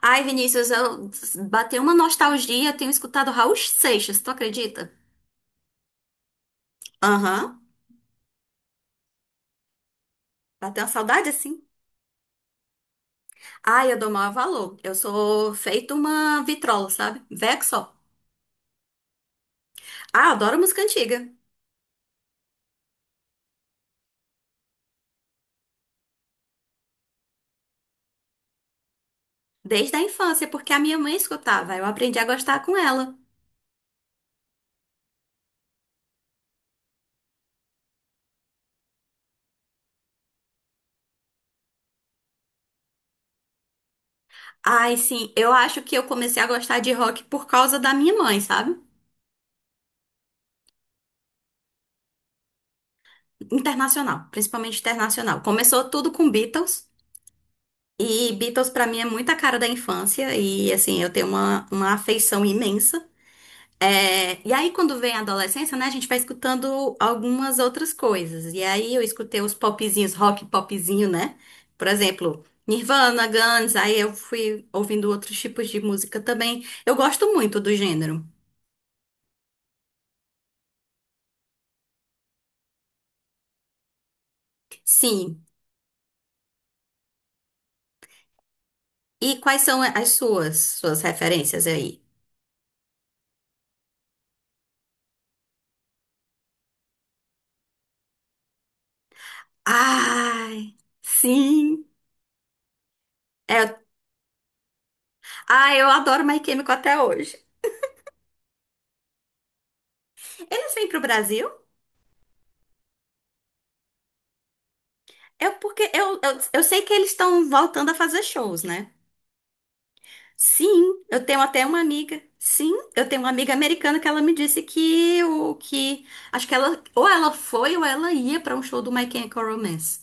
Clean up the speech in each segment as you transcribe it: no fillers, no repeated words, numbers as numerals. Ai, Vinícius, eu bateu uma nostalgia, tenho escutado Raul Seixas, tu acredita? Aham. Bateu uma saudade assim? Ai, eu dou maior valor. Eu sou feito uma vitrola, sabe? Veco só. Ah, adoro música antiga. Desde a infância, porque a minha mãe escutava. Eu aprendi a gostar com ela. Ai, sim, eu acho que eu comecei a gostar de rock por causa da minha mãe, sabe? Internacional, principalmente internacional. Começou tudo com Beatles. E Beatles pra mim é muita cara da infância e assim, eu tenho uma afeição imensa. É, e aí quando vem a adolescência, né, a gente vai escutando algumas outras coisas. E aí eu escutei os popzinhos, rock popzinho, né? Por exemplo, Nirvana, Guns, aí eu fui ouvindo outros tipos de música também. Eu gosto muito do gênero. Sim. E quais são as suas referências aí? Ai, sim. É, ah, eu adoro My Chemical até hoje. Eles vêm pro Brasil? É porque eu sei que eles estão voltando a fazer shows, né? Sim, eu tenho até uma amiga. Sim, eu tenho uma amiga americana que ela me disse que o que acho que ela ou ela foi ou ela ia pra um show do My Chemical Romance.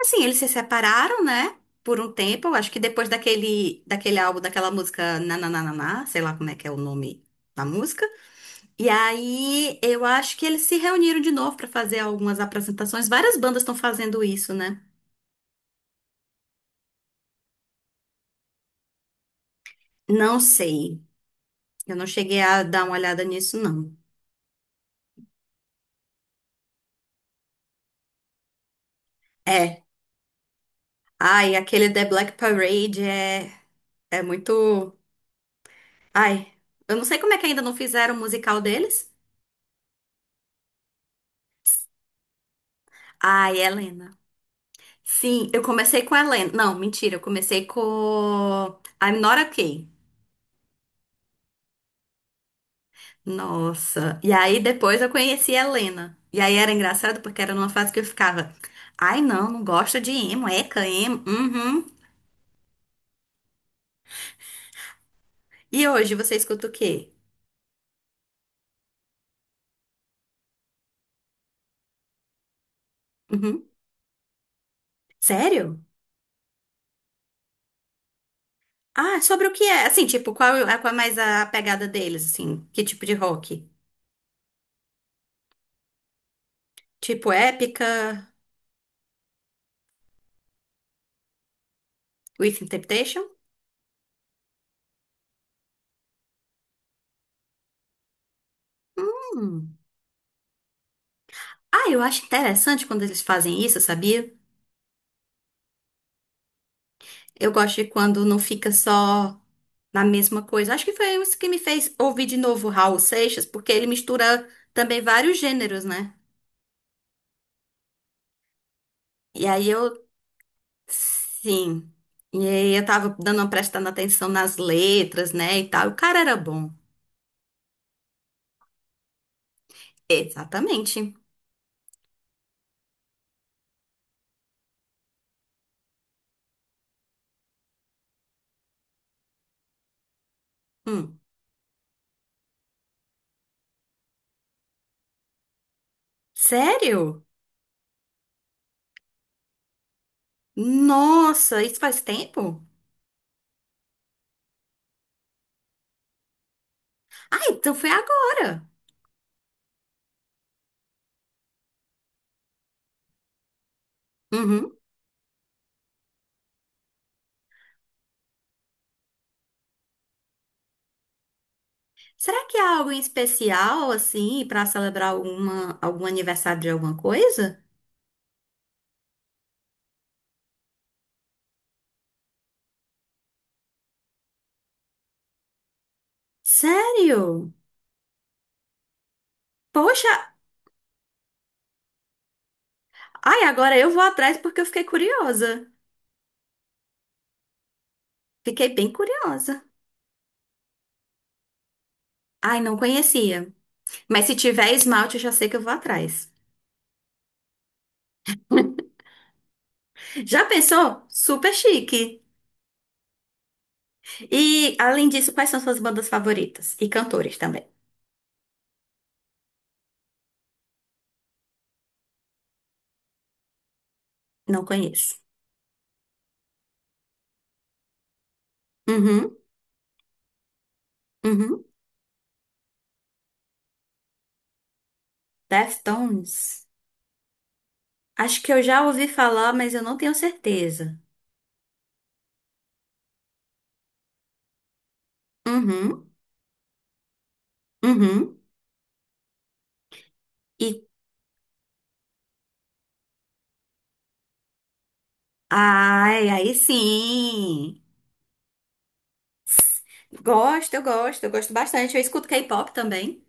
Assim, eles se separaram, né? Por um tempo, eu acho que depois daquele álbum, daquela música Nananana, sei lá como é que é o nome da música. E aí, eu acho que eles se reuniram de novo pra fazer algumas apresentações. Várias bandas estão fazendo isso, né? Não sei. Eu não cheguei a dar uma olhada nisso, não. É. Ai, aquele The Black Parade é muito. Ai, eu não sei como é que ainda não fizeram o musical deles. Ai, Helena. Sim, eu comecei com Helena. Não, mentira, eu comecei com I'm Not Okay. Nossa. E aí depois eu conheci a Helena. E aí era engraçado porque era numa fase que eu ficava. Ai, não, não gosto de emo, eca, emo. Uhum. E hoje você escuta o quê? Uhum. Sério? Ah, sobre o que é? Assim, tipo, qual é mais a pegada deles, assim? Que tipo de rock? Tipo épica, with interpretation? Hum. Ah, eu acho interessante quando eles fazem isso, sabia? Eu gosto de quando não fica só na mesma coisa. Acho que foi isso que me fez ouvir de novo Raul Seixas, porque ele mistura também vários gêneros, né? E aí eu, sim. E aí eu tava dando uma prestando atenção nas letras, né, e tal. O cara era bom. Exatamente. Hum. Sério? Nossa, isso faz tempo? Ah, então foi agora. Uhum. Será que há algo em especial, assim, para celebrar algum aniversário de alguma coisa? Sério? Poxa, ai, agora eu vou atrás porque eu fiquei curiosa. Fiquei bem curiosa. Ai, não conhecia. Mas se tiver esmalte, eu já sei que eu vou atrás. Já pensou? Super chique. E, além disso, quais são suas bandas favoritas? E cantores também. Não conheço. Uhum, uhum. Deftones. Acho que eu já ouvi falar, mas eu não tenho certeza. Uhum, uhum. E ai, aí sim. Gosto, eu gosto, eu gosto bastante. Eu escuto K-pop também.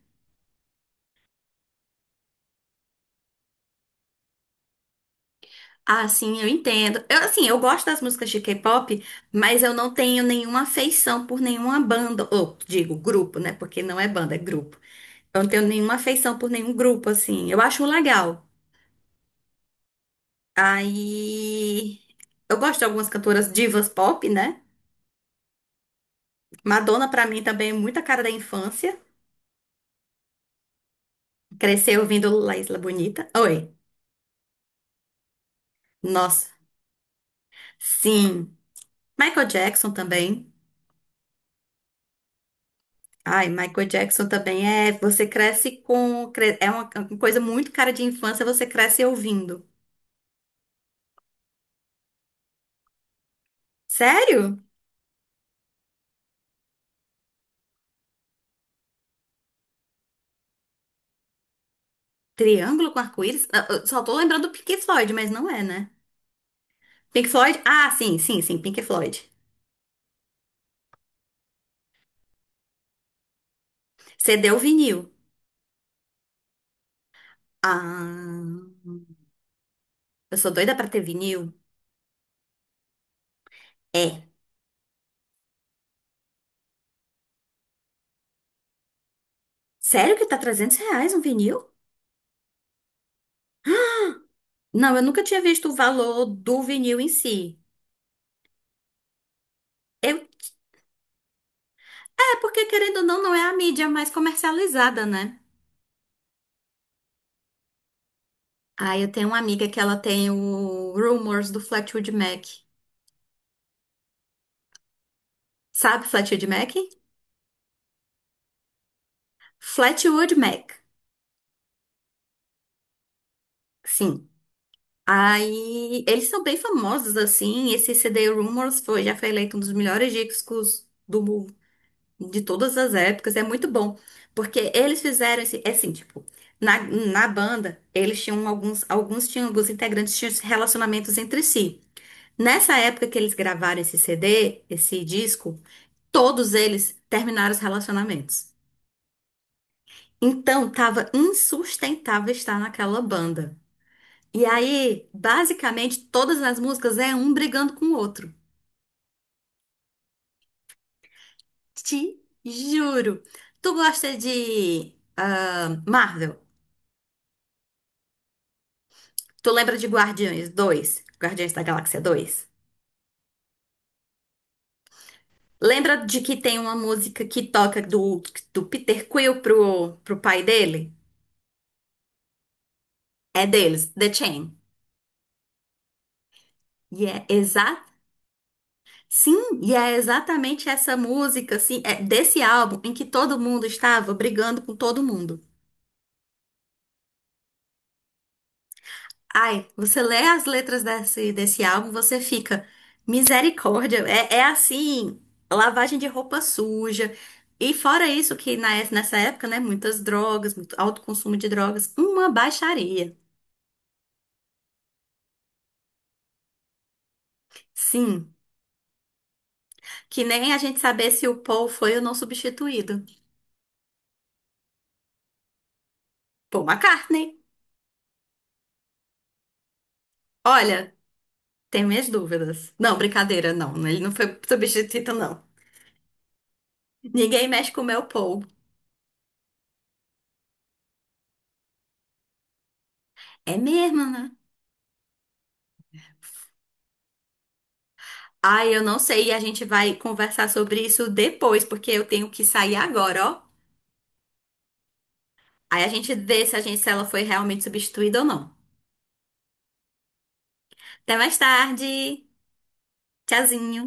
Ah, sim, eu entendo. Eu, assim, eu gosto das músicas de K-pop, mas eu não tenho nenhuma afeição por nenhuma banda, ou digo grupo, né? Porque não é banda, é grupo. Eu não tenho nenhuma afeição por nenhum grupo, assim. Eu acho legal. Aí, eu gosto de algumas cantoras divas pop, né? Madonna, pra mim, também é muita cara da infância. Cresceu ouvindo La Isla Bonita. Oi. Nossa. Sim. Michael Jackson também. Ai, Michael Jackson também é. Você cresce com. É uma coisa muito cara de infância, você cresce ouvindo. Sério? Triângulo com arco-íris? Ah, eu só tô lembrando do Pink Floyd, mas não é, né? Pink Floyd? Ah, sim, sim, sim, Pink Floyd. CD ou vinil? Ah. Eu sou doida pra ter vinil? É. Sério que tá R$ 300 um vinil? Não, eu nunca tinha visto o valor do vinil em si. Eu, é, porque querendo ou não, não é a mídia mais comercializada, né? Aí eu tenho uma amiga que ela tem o Rumors do Fleetwood Mac. Sabe Fleetwood Mac? Fleetwood Mac, sim. Aí eles são bem famosos, assim. Esse CD Rumors foi, já foi eleito um dos melhores discos do, de todas as épocas, é muito bom. Porque eles fizeram esse, é assim, tipo, na, na banda, eles tinham alguns integrantes tinham relacionamentos entre si. Nessa época que eles gravaram esse CD, esse disco, todos eles terminaram os relacionamentos. Então, tava insustentável estar naquela banda. E aí, basicamente, todas as músicas é um brigando com o outro. Te juro. Tu gosta de Marvel? Tu lembra de Guardiões 2, Guardiões da Galáxia 2? Lembra de que tem uma música que toca do Peter Quill pro pai dele? É deles, The Chain. E é exato. Sim, e é exatamente essa música, assim, é desse, álbum em que todo mundo estava brigando com todo mundo. Ai, você lê as letras desse, desse álbum, você fica, misericórdia, é, é assim, lavagem de roupa suja. E fora isso, que nessa época, né, muitas drogas, muito alto consumo de drogas, uma baixaria. Sim, que nem a gente saber se o Paul foi ou não substituído. Paul McCartney. Olha, tem minhas dúvidas. Não, brincadeira, não. Ele não foi substituído, não. Ninguém mexe com o meu Paul. É mesmo, né? Ai, eu não sei, e a gente vai conversar sobre isso depois, porque eu tenho que sair agora, ó. Aí a gente vê se a gente, se ela foi realmente substituída ou não. Até mais tarde. Tchauzinho.